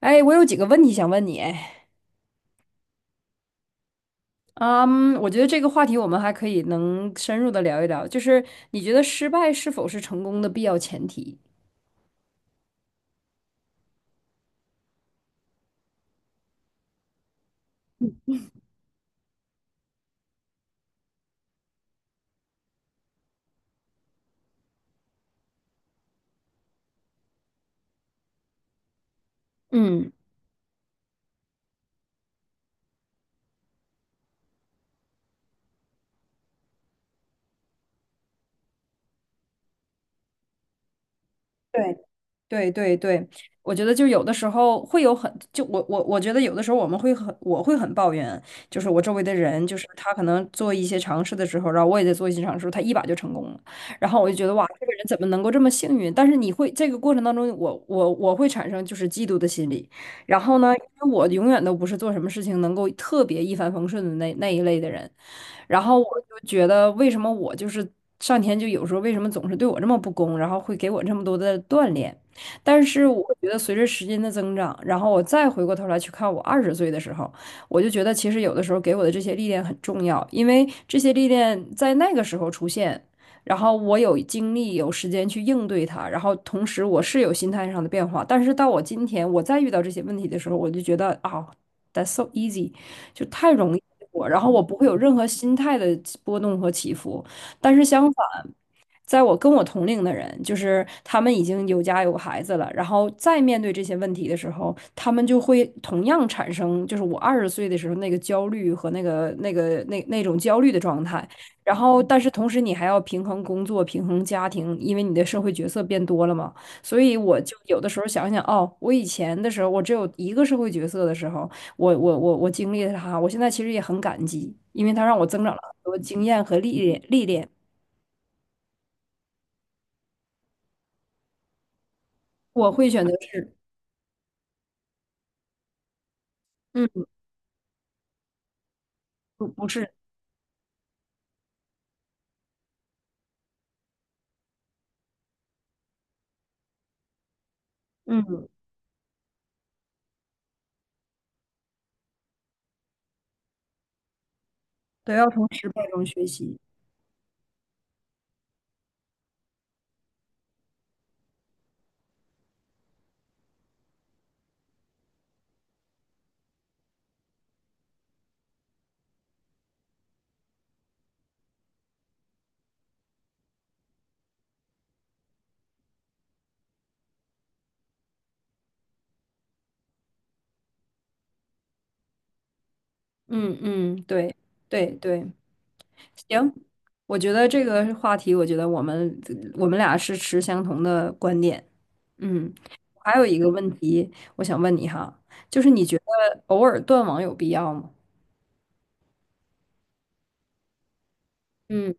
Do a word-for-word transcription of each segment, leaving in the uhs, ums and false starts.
哎，我有几个问题想问你，哎，嗯，我觉得这个话题我们还可以能深入的聊一聊，就是你觉得失败是否是成功的必要前提？嗯，对。对对对，我觉得就有的时候会有很，就我我我觉得有的时候我们会很，我会很抱怨，就是我周围的人，就是他可能做一些尝试的时候，然后我也在做一些尝试，他一把就成功了，然后我就觉得哇，这个人怎么能够这么幸运？但是你会这个过程当中，我我我会产生就是嫉妒的心理，然后呢，因为我永远都不是做什么事情能够特别一帆风顺的那那一类的人，然后我就觉得，为什么我就是上天就有时候为什么总是对我这么不公，然后会给我这么多的锻炼？但是我觉得随着时间的增长，然后我再回过头来去看我二十岁的时候，我就觉得其实有的时候给我的这些历练很重要，因为这些历练在那个时候出现。然后我有精力、有时间去应对它，然后同时我是有心态上的变化。但是到我今天，我再遇到这些问题的时候，我就觉得啊、t h a t s so easy，就太容易我，然后我不会有任何心态的波动和起伏。但是相反，在我跟我同龄的人，就是他们已经有家有孩子了，然后再面对这些问题的时候，他们就会同样产生，就是我二十岁的时候那个焦虑和那个那个那那种焦虑的状态。然后，但是同时你还要平衡工作、平衡家庭，因为你的社会角色变多了嘛。所以我就有的时候想想，哦，我以前的时候，我只有一个社会角色的时候，我我我我经历了它，我现在其实也很感激，因为它让我增长了很多经验和历练历练。我会选择是，嗯，不不是，嗯，都要从失败中学习。嗯嗯，对对对，行，我觉得这个话题，我觉得我们我们俩是持相同的观点。嗯，还有一个问题，我想问你哈，就是你觉得偶尔断网有必要吗？嗯。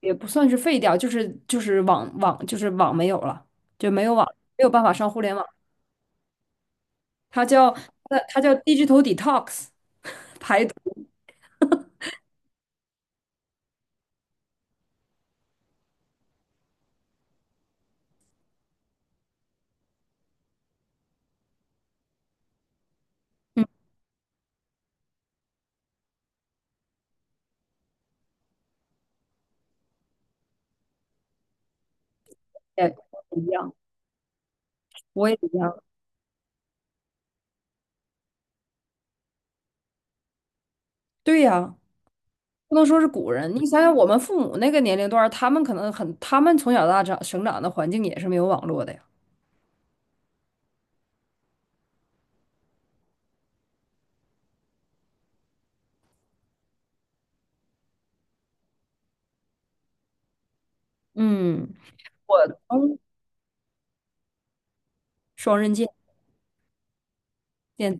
也不算是废掉，就是就是网网就是网没有了，就没有网，没有办法上互联网。它叫它它叫 digital detox，嗯，也一样，我也一样。对呀，不能说是古人，你想想我们父母那个年龄段儿他们可能很，他们从小到大长生长的环境也是没有网络的呀。嗯，我从双刃剑，剑。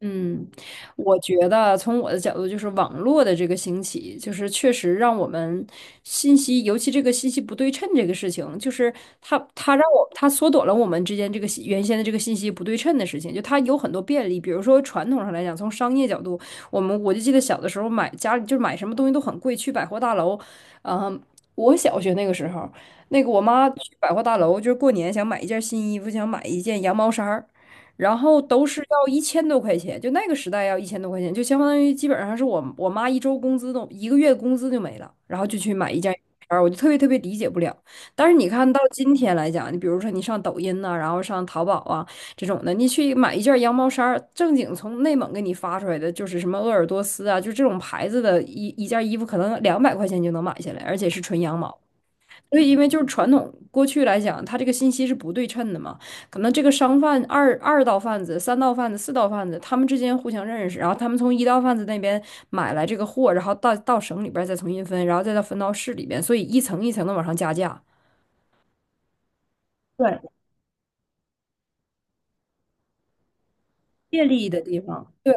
嗯，我觉得从我的角度，就是网络的这个兴起，就是确实让我们信息，尤其这个信息不对称这个事情，就是它它让我它缩短了我们之间这个信原先的这个信息不对称的事情，就它有很多便利。比如说传统上来讲，从商业角度，我们我就记得小的时候买家里就是买什么东西都很贵，去百货大楼，嗯，我小学那个时候，那个我妈去百货大楼，就是过年想买一件新衣服，想买一件羊毛衫儿。然后都是要一千多块钱，就那个时代要一千多块钱，就相当于基本上是我我妈一周工资都一个月工资就没了，然后就去买一件衣服，我就特别特别理解不了。但是你看到今天来讲，你比如说你上抖音呐、然后上淘宝啊这种的，你去买一件羊毛衫儿，正经从内蒙给你发出来的，就是什么鄂尔多斯啊，就这种牌子的一一件衣服，可能两百块钱就能买下来，而且是纯羊毛。所以，因为就是传统过去来讲，它这个信息是不对称的嘛，可能这个商贩二二道贩子、三道贩子、四道贩子，他们之间互相认识，然后他们从一道贩子那边买来这个货，然后到到省里边儿再重新分，然后再到分到市里边，所以一层一层的往上加价，对，借力的地方。对。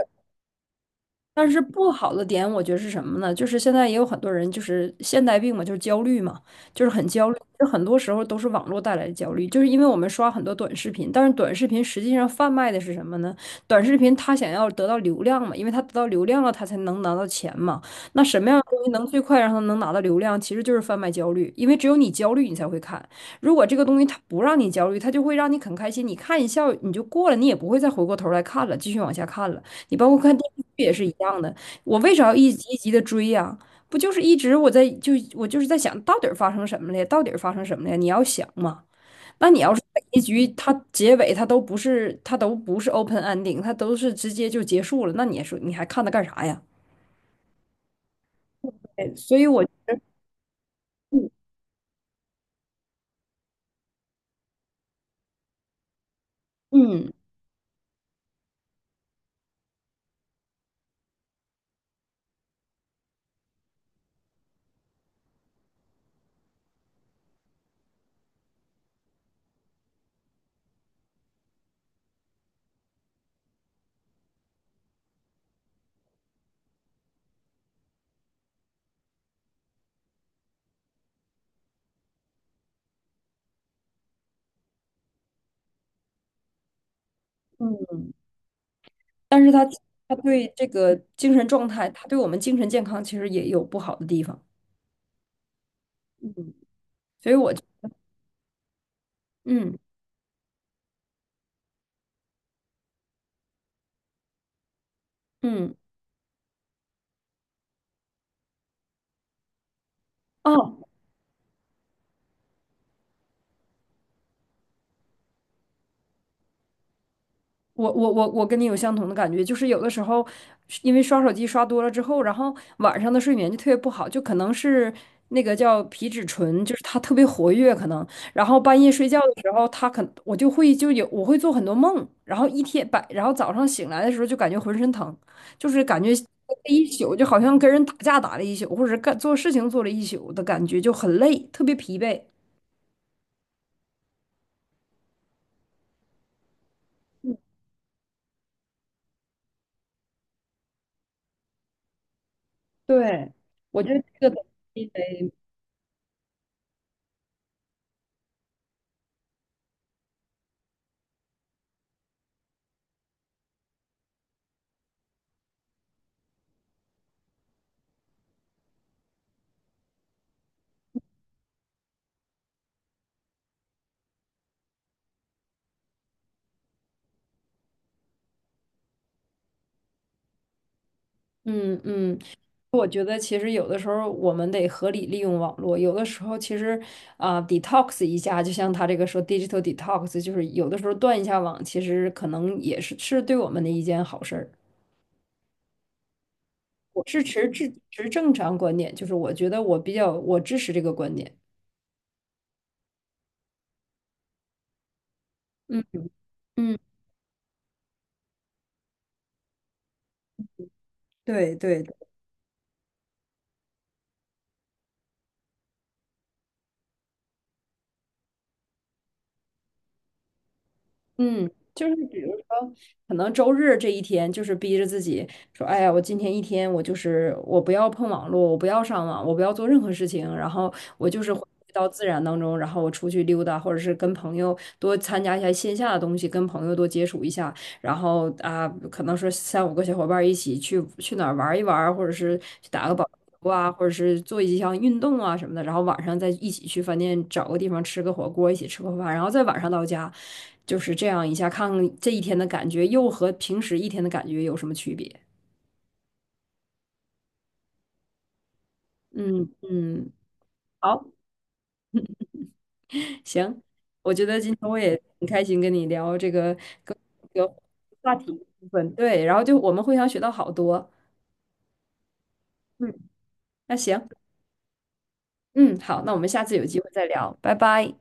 但是不好的点，我觉得是什么呢？就是现在也有很多人，就是现代病嘛，就是焦虑嘛，就是很焦虑。就很多时候都是网络带来的焦虑，就是因为我们刷很多短视频，但是短视频实际上贩卖的是什么呢？短视频它想要得到流量嘛，因为它得到流量了，它才能拿到钱嘛。那什么样的东西能最快让它能拿到流量？其实就是贩卖焦虑，因为只有你焦虑，你才会看。如果这个东西它不让你焦虑，它就会让你很开心，你看一笑你就过了，你也不会再回过头来看了，继续往下看了。你包括看电视剧也是一样的，我为啥要一集一集的追呀、不就是一直我在就我就是在想到底儿发生什么了呀，到底儿发生什么了呀？你要想嘛，那你要是每一局它结尾它都不是它都不是 open ending，它都是直接就结束了，那你说你还看它干啥呀？对，所以我嗯嗯嗯，但是它它对这个精神状态，它对我们精神健康其实也有不好的地方，嗯，所以我就嗯嗯。哦，我我我我跟你有相同的感觉，就是有的时候因为刷手机刷多了之后，然后晚上的睡眠就特别不好，就可能是那个叫皮质醇，就是它特别活跃，可能，然后半夜睡觉的时候，它可我就会就有我会做很多梦，然后一天白，然后早上醒来的时候就感觉浑身疼，就是感觉一宿就好像跟人打架打了一宿，或者是干做事情做了一宿的感觉，就很累，特别疲惫。对，我觉得这个因为嗯嗯。我觉得其实有的时候我们得合理利用网络，有的时候其实啊、detox 一下，就像他这个说 digital detox，就是有的时候断一下网，其实可能也是是对我们的一件好事儿。我是持持持正常观点，就是我觉得我比较我支持这个观点。嗯嗯，对对嗯，就是比如说，可能周日这一天，就是逼着自己说，哎呀，我今天一天，我就是我不要碰网络，我不要上网，我不要做任何事情，然后我就是回到自然当中，然后我出去溜达，或者是跟朋友多参加一下线下的东西，跟朋友多接触一下，然后啊，可能说三五个小伙伴儿一起去去哪儿玩一玩或者是去打个保。啊，或者是做一项运动啊什么的，然后晚上再一起去饭店找个地方吃个火锅，一起吃个饭，然后再晚上到家，就是这样一下，看看这一天的感觉又和平时一天的感觉有什么区别。嗯嗯，好，行，我觉得今天我也很开心跟你聊这个跟这个话题部分，对，然后就我们互相学到好多。嗯，那行，嗯，好，那我们下次有机会再聊，拜拜。